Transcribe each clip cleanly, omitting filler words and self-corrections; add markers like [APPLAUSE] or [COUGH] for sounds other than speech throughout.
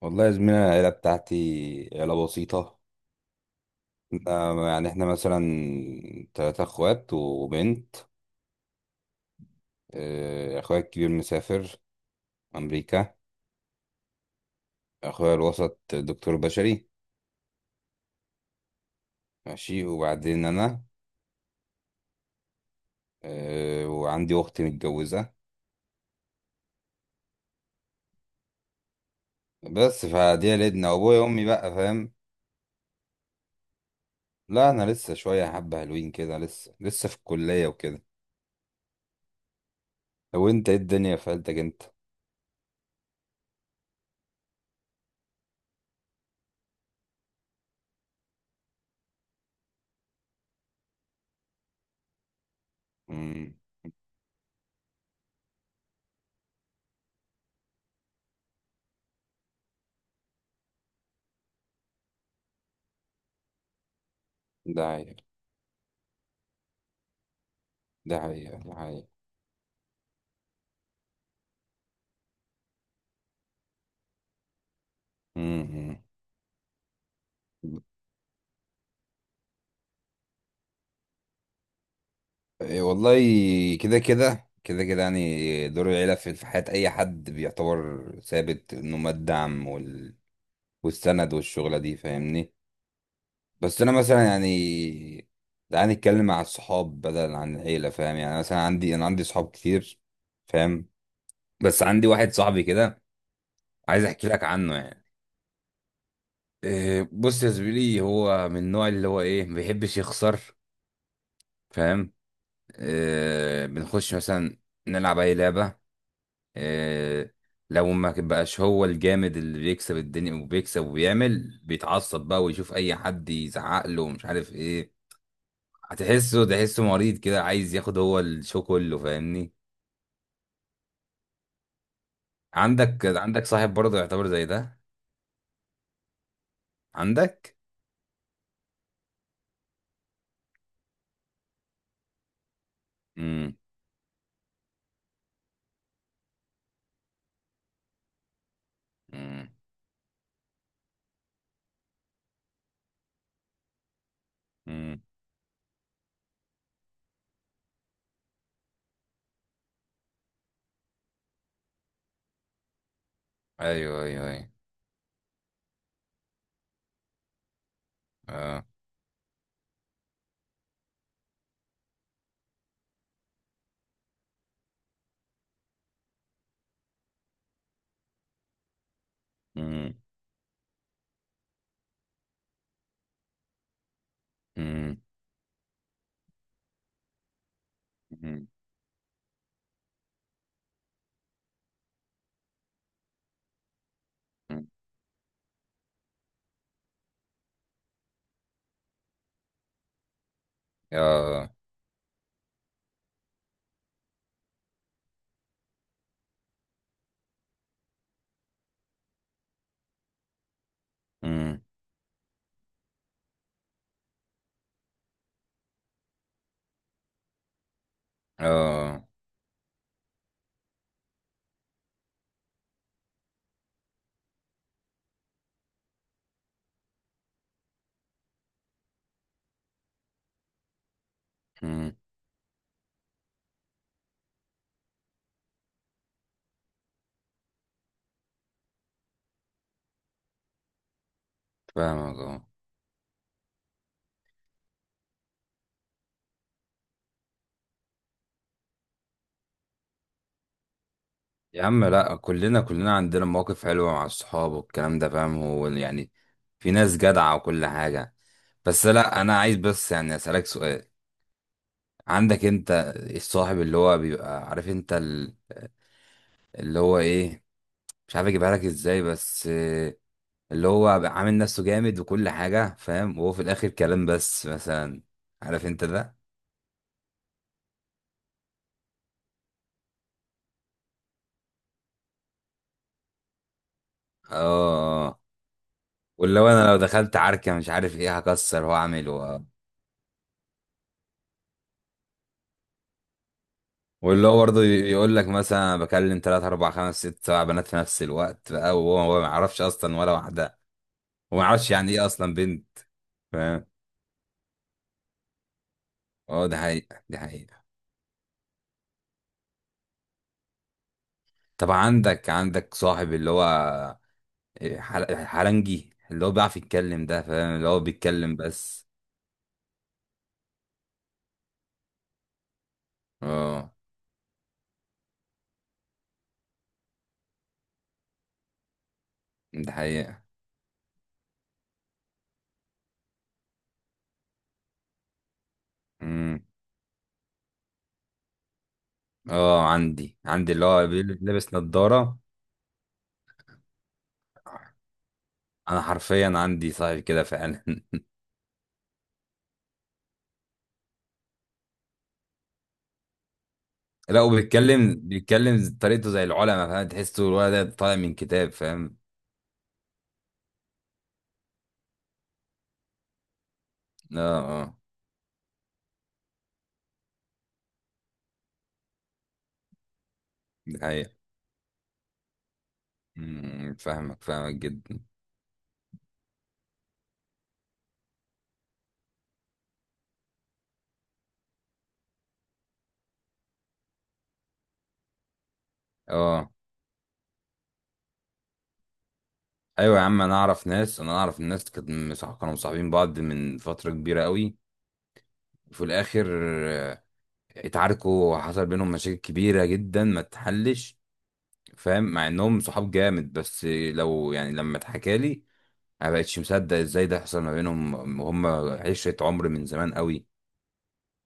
والله يا زميلي، أنا العيلة بتاعتي عيلة بسيطة. يعني احنا مثلا تلاتة اخوات وبنت. اخويا الكبير مسافر امريكا. اخويا الوسط دكتور بشري. ماشي، وبعدين انا... وعندي اخت متجوزة. بس فدي عيلتنا وابويا وامي بقى، فاهم. لا، انا لسه شوية حبة حلوين كده، لسه في الكلية وكده. لو انت، ايه الدنيا في عيلتك انت؟ مم. ده حقيقة، ده حقيقة، ده حقيقة. مم. إيه والله. كده كده كده كده، يعني دور العيلة في حياة أي حد بيعتبر ثابت، إنه ما الدعم وال... والسند، والشغلة دي، فاهمني. بس أنا مثلا يعني، تعالى نتكلم مع الصحاب بدل عن العيلة، فاهم. يعني مثلا عندي صحاب كتير، فاهم. بس عندي واحد صاحبي كده، عايز أحكي لك عنه يعني. إيه، بص يا زميلي، هو من النوع اللي هو، إيه، ما بيحبش يخسر، فاهم. إيه، بنخش مثلا نلعب أي لعبة. آه، لو ما بقاش هو الجامد اللي بيكسب الدنيا وبيكسب وبيعمل، بيتعصب بقى ويشوف اي حد يزعق له ومش عارف ايه. تحسه مريض كده، عايز ياخد هو الشو كله، فاهمني. عندك صاحب برضه يعتبر زي ده؟ عندك. امم. امم. امم. ايوه، ايوه، ايوه. اه. امم. امم. امم. اه. امم. اه. امم، فاهمك. اه. يا عم، لا، كلنا عندنا مواقف حلوة مع الصحاب والكلام ده، فاهم، هو يعني في ناس جدعة وكل حاجة. بس لا، أنا عايز بس يعني أسألك سؤال. عندك أنت الصاحب اللي هو بيبقى عارف أنت اللي هو إيه، مش عارف أجيبها لك إزاي، بس اللي هو بيبقى عامل نفسه جامد وكل حاجة، فاهم، وهو في الآخر كلام بس مثلا. عارف أنت ده؟ آه، آه. واللي هو أنا لو دخلت عركة مش عارف إيه، هكسر وأعمل. واللي هو برضه يقول لك مثلا، أنا بكلم 3 4 5 6 7 بنات في نفس الوقت بقى، وهو ما يعرفش اصلا ولا واحده، وما يعرفش يعني ايه اصلا بنت، فاهم. اه، ده حقيقه، ده حقيقه. طب، عندك صاحب اللي هو إيه، حلنجي اللي هو بيعرف يتكلم ده، فاهم، اللي هو بيتكلم بس. اه، ده حقيقه. امم. اه، عندي اللي هو لابس نضاره. انا حرفيا عندي صاحب كده فعلا [LAUGHS] لا، وبيتكلم طريقته زي العلماء، فاهم، تحسه الولد ده طالع من كتاب، فاهم. اه، اه. دي حقيقة. أمم، فاهمك فاهمك جدا. اه. ايوه يا عم، انا اعرف ناس، انا اعرف الناس كانت كانوا مصاحبين بعض من فترة كبيرة قوي، وفي الاخر، اتعاركوا وحصل بينهم مشاكل كبيرة جدا ما تحلش، فاهم، مع انهم صحاب جامد. بس لو يعني، لما اتحكى لي ما بقتش مصدق ازاي ده حصل ما بينهم. هم عشرة عمر من زمان قوي،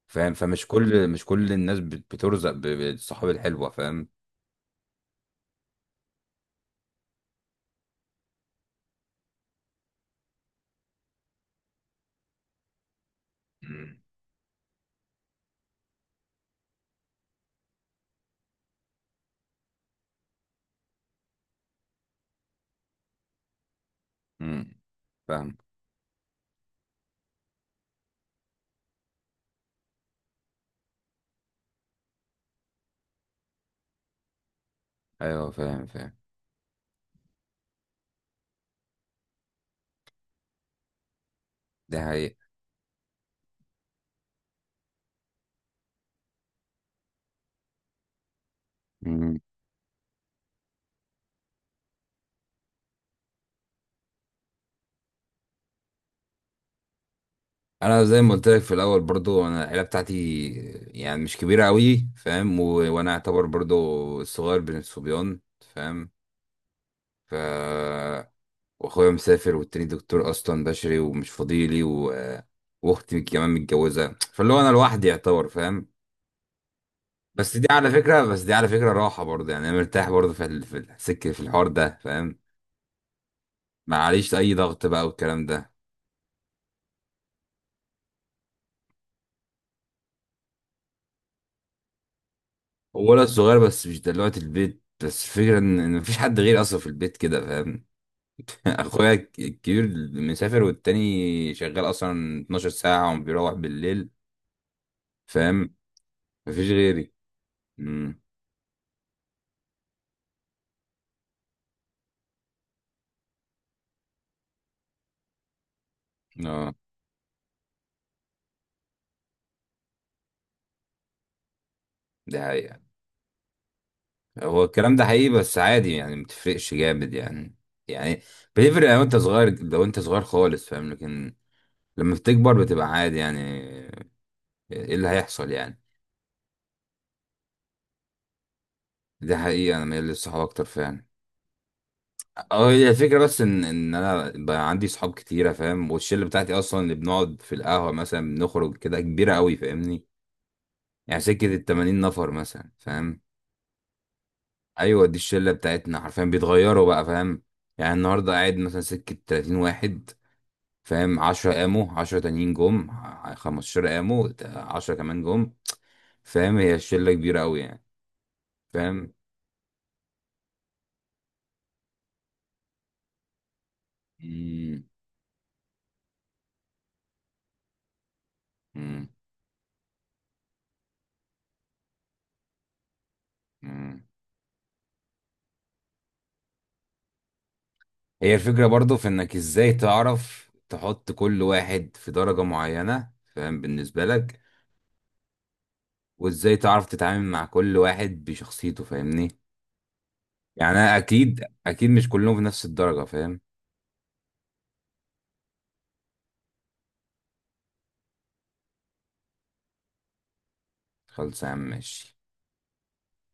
فاهم. فمش كل مش كل الناس بترزق بالصحاب الحلوة، فاهم. مم. مم. فاهم. ايوه، فاهم، فاهم. ده حقيقة. مم. انا زي ما قلت لك في الاول برضو، انا العيله بتاعتي يعني مش كبيره قوي، فاهم. و... وانا اعتبر برضو الصغير بين الصبيان، فاهم. ف... واخويا مسافر، والتاني دكتور اصلا بشري ومش فاضيلي و... واختي كمان متجوزه، فاللي هو انا لوحدي يعتبر، فاهم. بس دي على فكرة، راحة برضه، يعني انا مرتاح برضه في السكة في الحوار ده، فاهم. ما عليش اي ضغط بقى والكلام ده. هو ولد صغير، بس مش دلوقتي البيت، بس الفكرة إن مفيش حد غيري اصلا في البيت كده، فاهم. [LAUGHS] اخويا الكبير مسافر، والتاني شغال اصلا 12 ساعة وبيروح بالليل، فاهم، مفيش غيري. امم. اه، ده حقيقة. هو الكلام ده حقيقي، بس عادي يعني، متفرقش جامد يعني. يعني بتفرق لو انت صغير خالص، فاهم، لكن لما بتكبر بتبقى عادي يعني، ايه اللي هيحصل يعني. دي حقيقة، انا مايل للصحاب اكتر فعلا. اه، هي الفكرة بس ان انا بقى عندي صحاب كتيرة، فاهم، والشلة بتاعتي اصلا اللي بنقعد في القهوة مثلا، بنخرج كده كبيرة قوي، فاهمني. يعني سكة ال80 نفر مثلا، فاهم. ايوه، دي الشلة بتاعتنا حرفيا بيتغيروا بقى، فاهم. يعني النهاردة قاعد مثلا سكة 30 واحد، فاهم، 10 قاموا، 10 تانيين جم، 15 قاموا، 10 كمان جم، فاهم. هي الشلة كبيرة قوي يعني، فاهم. مم. مم. هي الفكرة برضو في انك ازاي تعرف تحط كل واحد في درجة معينة، فاهم، بالنسبة لك. وازاي تعرف تتعامل مع كل واحد بشخصيته، فاهمني. يعني انا اكيد اكيد مش كلهم في نفس الدرجة، فاهم. خلص يا عم، ماشي.